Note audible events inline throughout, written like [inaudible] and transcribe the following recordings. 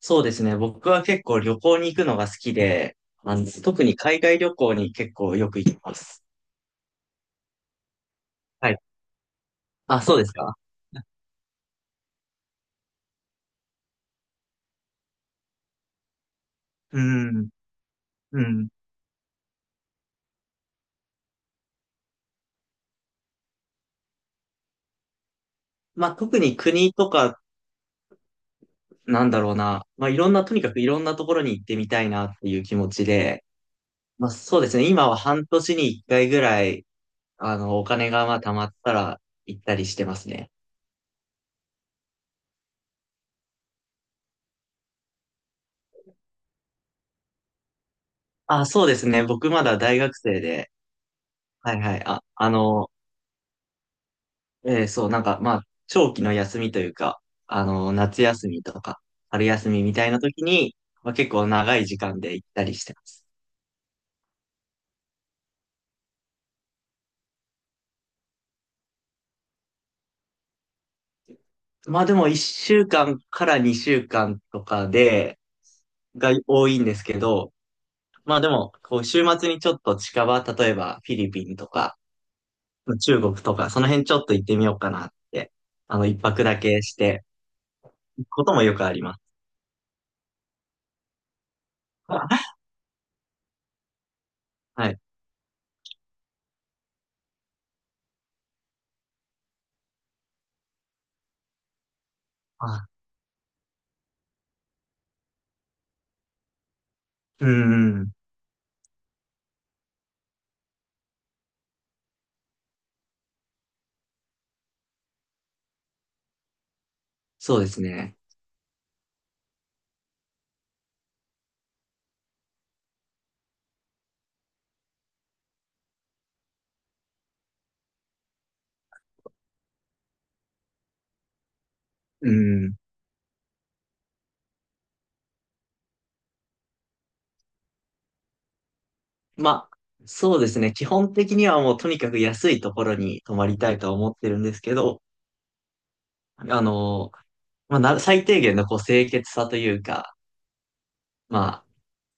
そうですね。僕は結構旅行に行くのが好きで、特に海外旅行に結構よく行きます。はい。あ、そうですか。うん。うん。まあ、特に国とか、なんだろうな。まあ、いろんな、とにかくいろんなところに行ってみたいなっていう気持ちで、まあ、そうですね。今は半年に一回ぐらい、お金がまあ貯まったら行ったりしてますね。あ、そうですね。僕まだ大学生で、はいはい。なんか、まあ、長期の休みというか、夏休みとか、春休みみたいな時に、まあ、結構長い時間で行ったりしてます。まあでも、1週間かんから2週間とかで、が多いんですけど、まあでも、こう、週末にちょっと近場、例えばフィリピンとか、中国とか、その辺ちょっと行ってみようかなって、一泊だけして、行くこともよくあります。[laughs] はい。あ、うん、そうですね。うん。まあ、そうですね。基本的にはもうとにかく安いところに泊まりたいとは思ってるんですけど、あの、まあ、最低限のこう清潔さというか、まあ、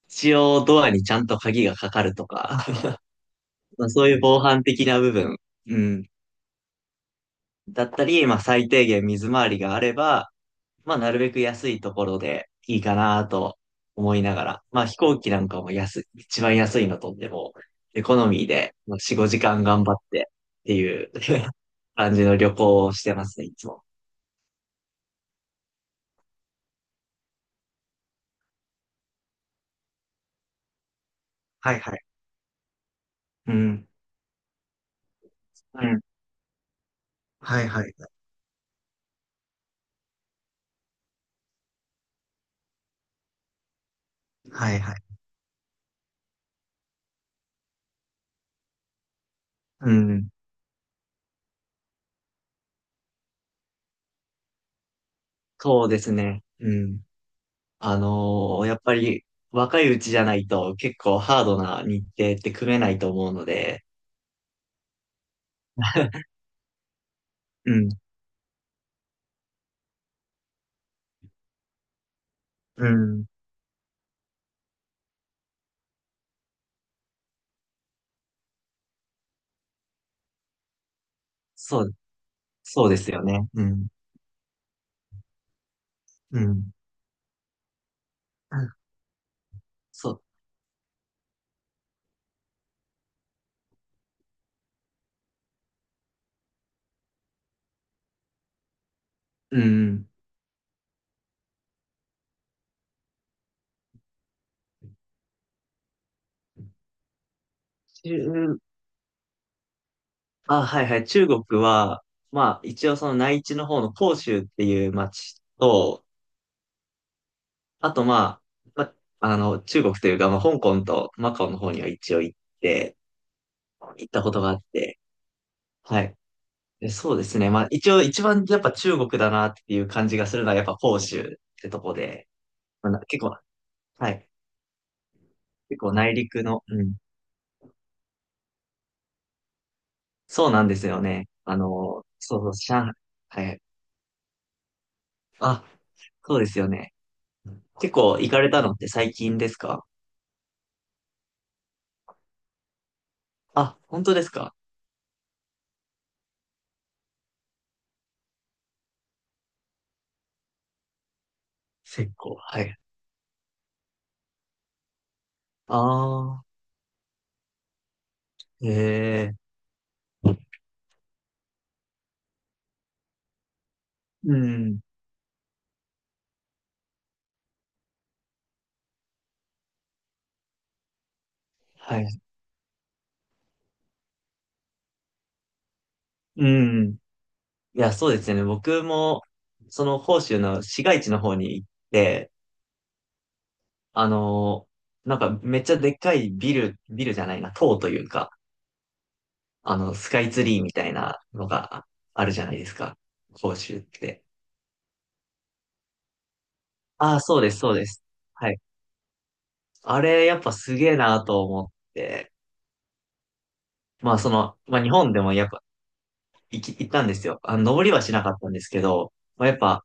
一応ドアにちゃんと鍵がかかるとか、[laughs] まあ、そういう防犯的な部分、うん、だったり、まあ最低限水回りがあれば、まあなるべく安いところでいいかなと思いながら、まあ飛行機なんかも安い、一番安いのとっても、エコノミーでまあ4、5時間頑張ってっていう [laughs] 感じの旅行をしてますね、いつも。はいはい。うん。うん。はいはい。はいはい。うん。そうですね。うん。やっぱり若いうちじゃないと結構ハードな日程って組めないと思うので、うん。うん。そう、そうですよね。うん。うん。そう。うん。中、あ、はいはい。中国は、まあ、一応その内地の方の広州っていう町と、あとあ、まあ、中国というか、まあ、香港とマカオの方には一応行って、行ったことがあって、はい。で、そうですね。まあ、一応一番やっぱ中国だなっていう感じがするのはやっぱ広州ってとこで、結構、はい。結構内陸の、うん、そうなんですよね。そうそう、上海。あ、そうですよね。結構行かれたのって最近ですか？あ、本当ですか？結構、はい。ああ、ええ、うん、はい。うん。いや、そうですね。僕も、その、広州の市街地の方に行って、あのなんか、めっちゃでっかいビル、ビルじゃないな、塔というか、スカイツリーみたいなのがあるじゃないですか。広州って。ああ、そうです、そうです。はい。あれ、やっぱすげえなと思って、まあその、まあ日本でもやっぱ行ったんですよ。登りはしなかったんですけど、まあやっぱ、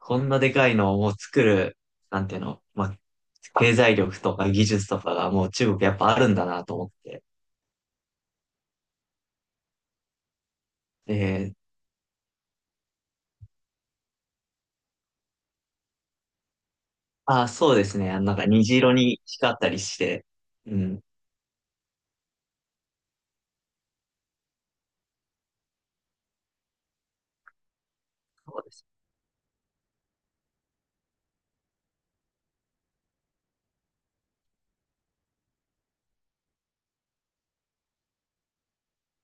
こんなでかいのをもう作る、なんていうの、まあ、経済力とか技術とかがもう中国やっぱあるんだなと思って。で、ああ、そうですね。なんか虹色に光ったりして、うん。そうです。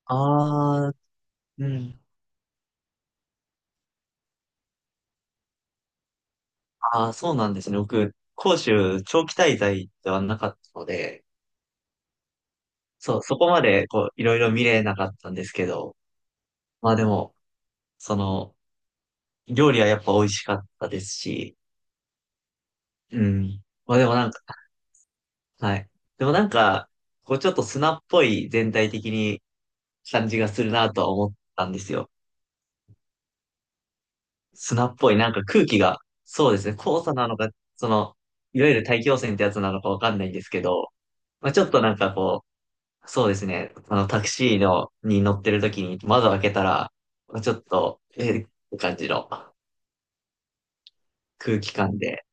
ああ、うん。ああ、そうなんですね。僕、広州長期滞在ではなかったので、そう、そこまで、こう、いろいろ見れなかったんですけど、まあでも、その、料理はやっぱ美味しかったですし、うん。まあでもなんか、はい。でもなんか、こう、ちょっと砂っぽい全体的に感じがするなとは思ったんですよ。砂っぽい、なんか空気が、そうですね、黄砂なのか、その、いわゆる大気汚染ってやつなのかわかんないんですけど、まあちょっとなんかこう、そうですね、タクシーの、に乗ってる時に窓を開けたら、まあちょっと、えーって感じの。空気感で。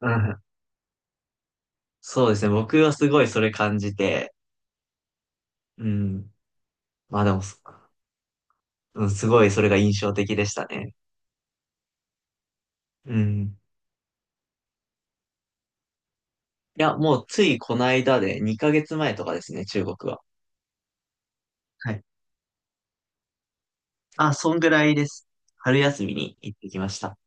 うん。そうですね。僕はすごいそれ感じて、うん。まあでもそ、うん、すごいそれが印象的でしたね。うん。いや、もうついこの間で2ヶ月前とかですね、中国は。はい。あ、そんぐらいです。春休みに行ってきました。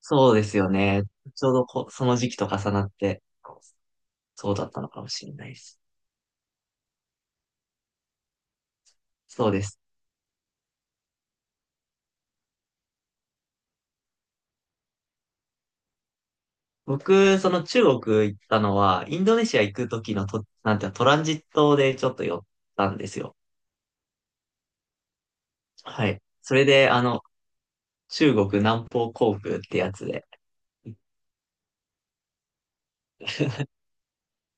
そうですよね。ちょうどこ、その時期と重なって、そうだったのかもしれないです。そうです。僕、その中国行ったのは、インドネシア行く時のと、なんていうのトランジットでちょっと寄ったんですよ。はい。それで、中国南方航空ってやつで。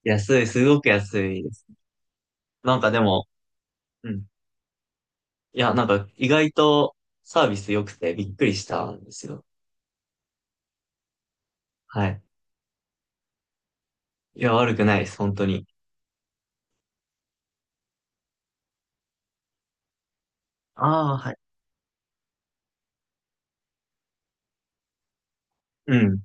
安い、すごく安いです。なんかでも、うん。いや、なんか意外とサービス良くてびっくりしたんですよ。はい。いや、悪くないです、本当に。ああ、はい。うん。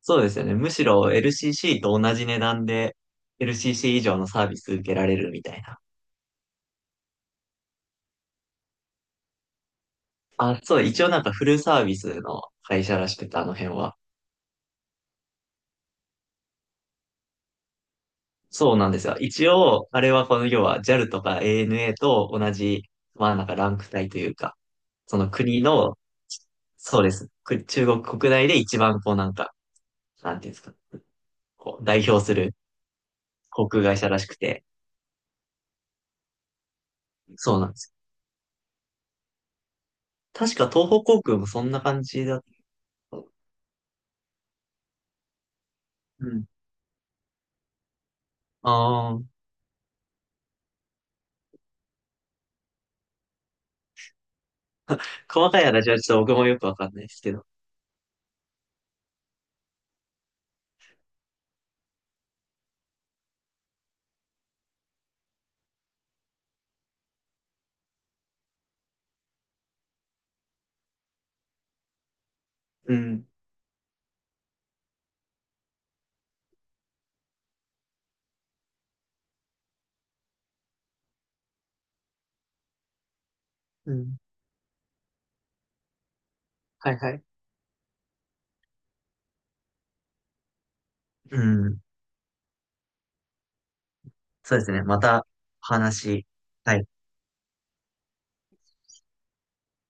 そうですよね。むしろ LCC と同じ値段で LCC 以上のサービス受けられるみたいな。あ、そう、一応なんかフルサービスの会社らしくて、あの辺は。そうなんですよ。一応、あれはこの要は JAL とか ANA と同じ、まあなんかランク帯というか、その国の、そうです。中国国内で一番こうなんか、なんていうんですか？こう代表する航空会社らしくて、そうなんです。確か東方航空もそんな感じだった。うん。ああ、細かい話はちょっと僕もよくわかんないですけど。うん。うん。はいはい。うん。そうですね。またお話ししたい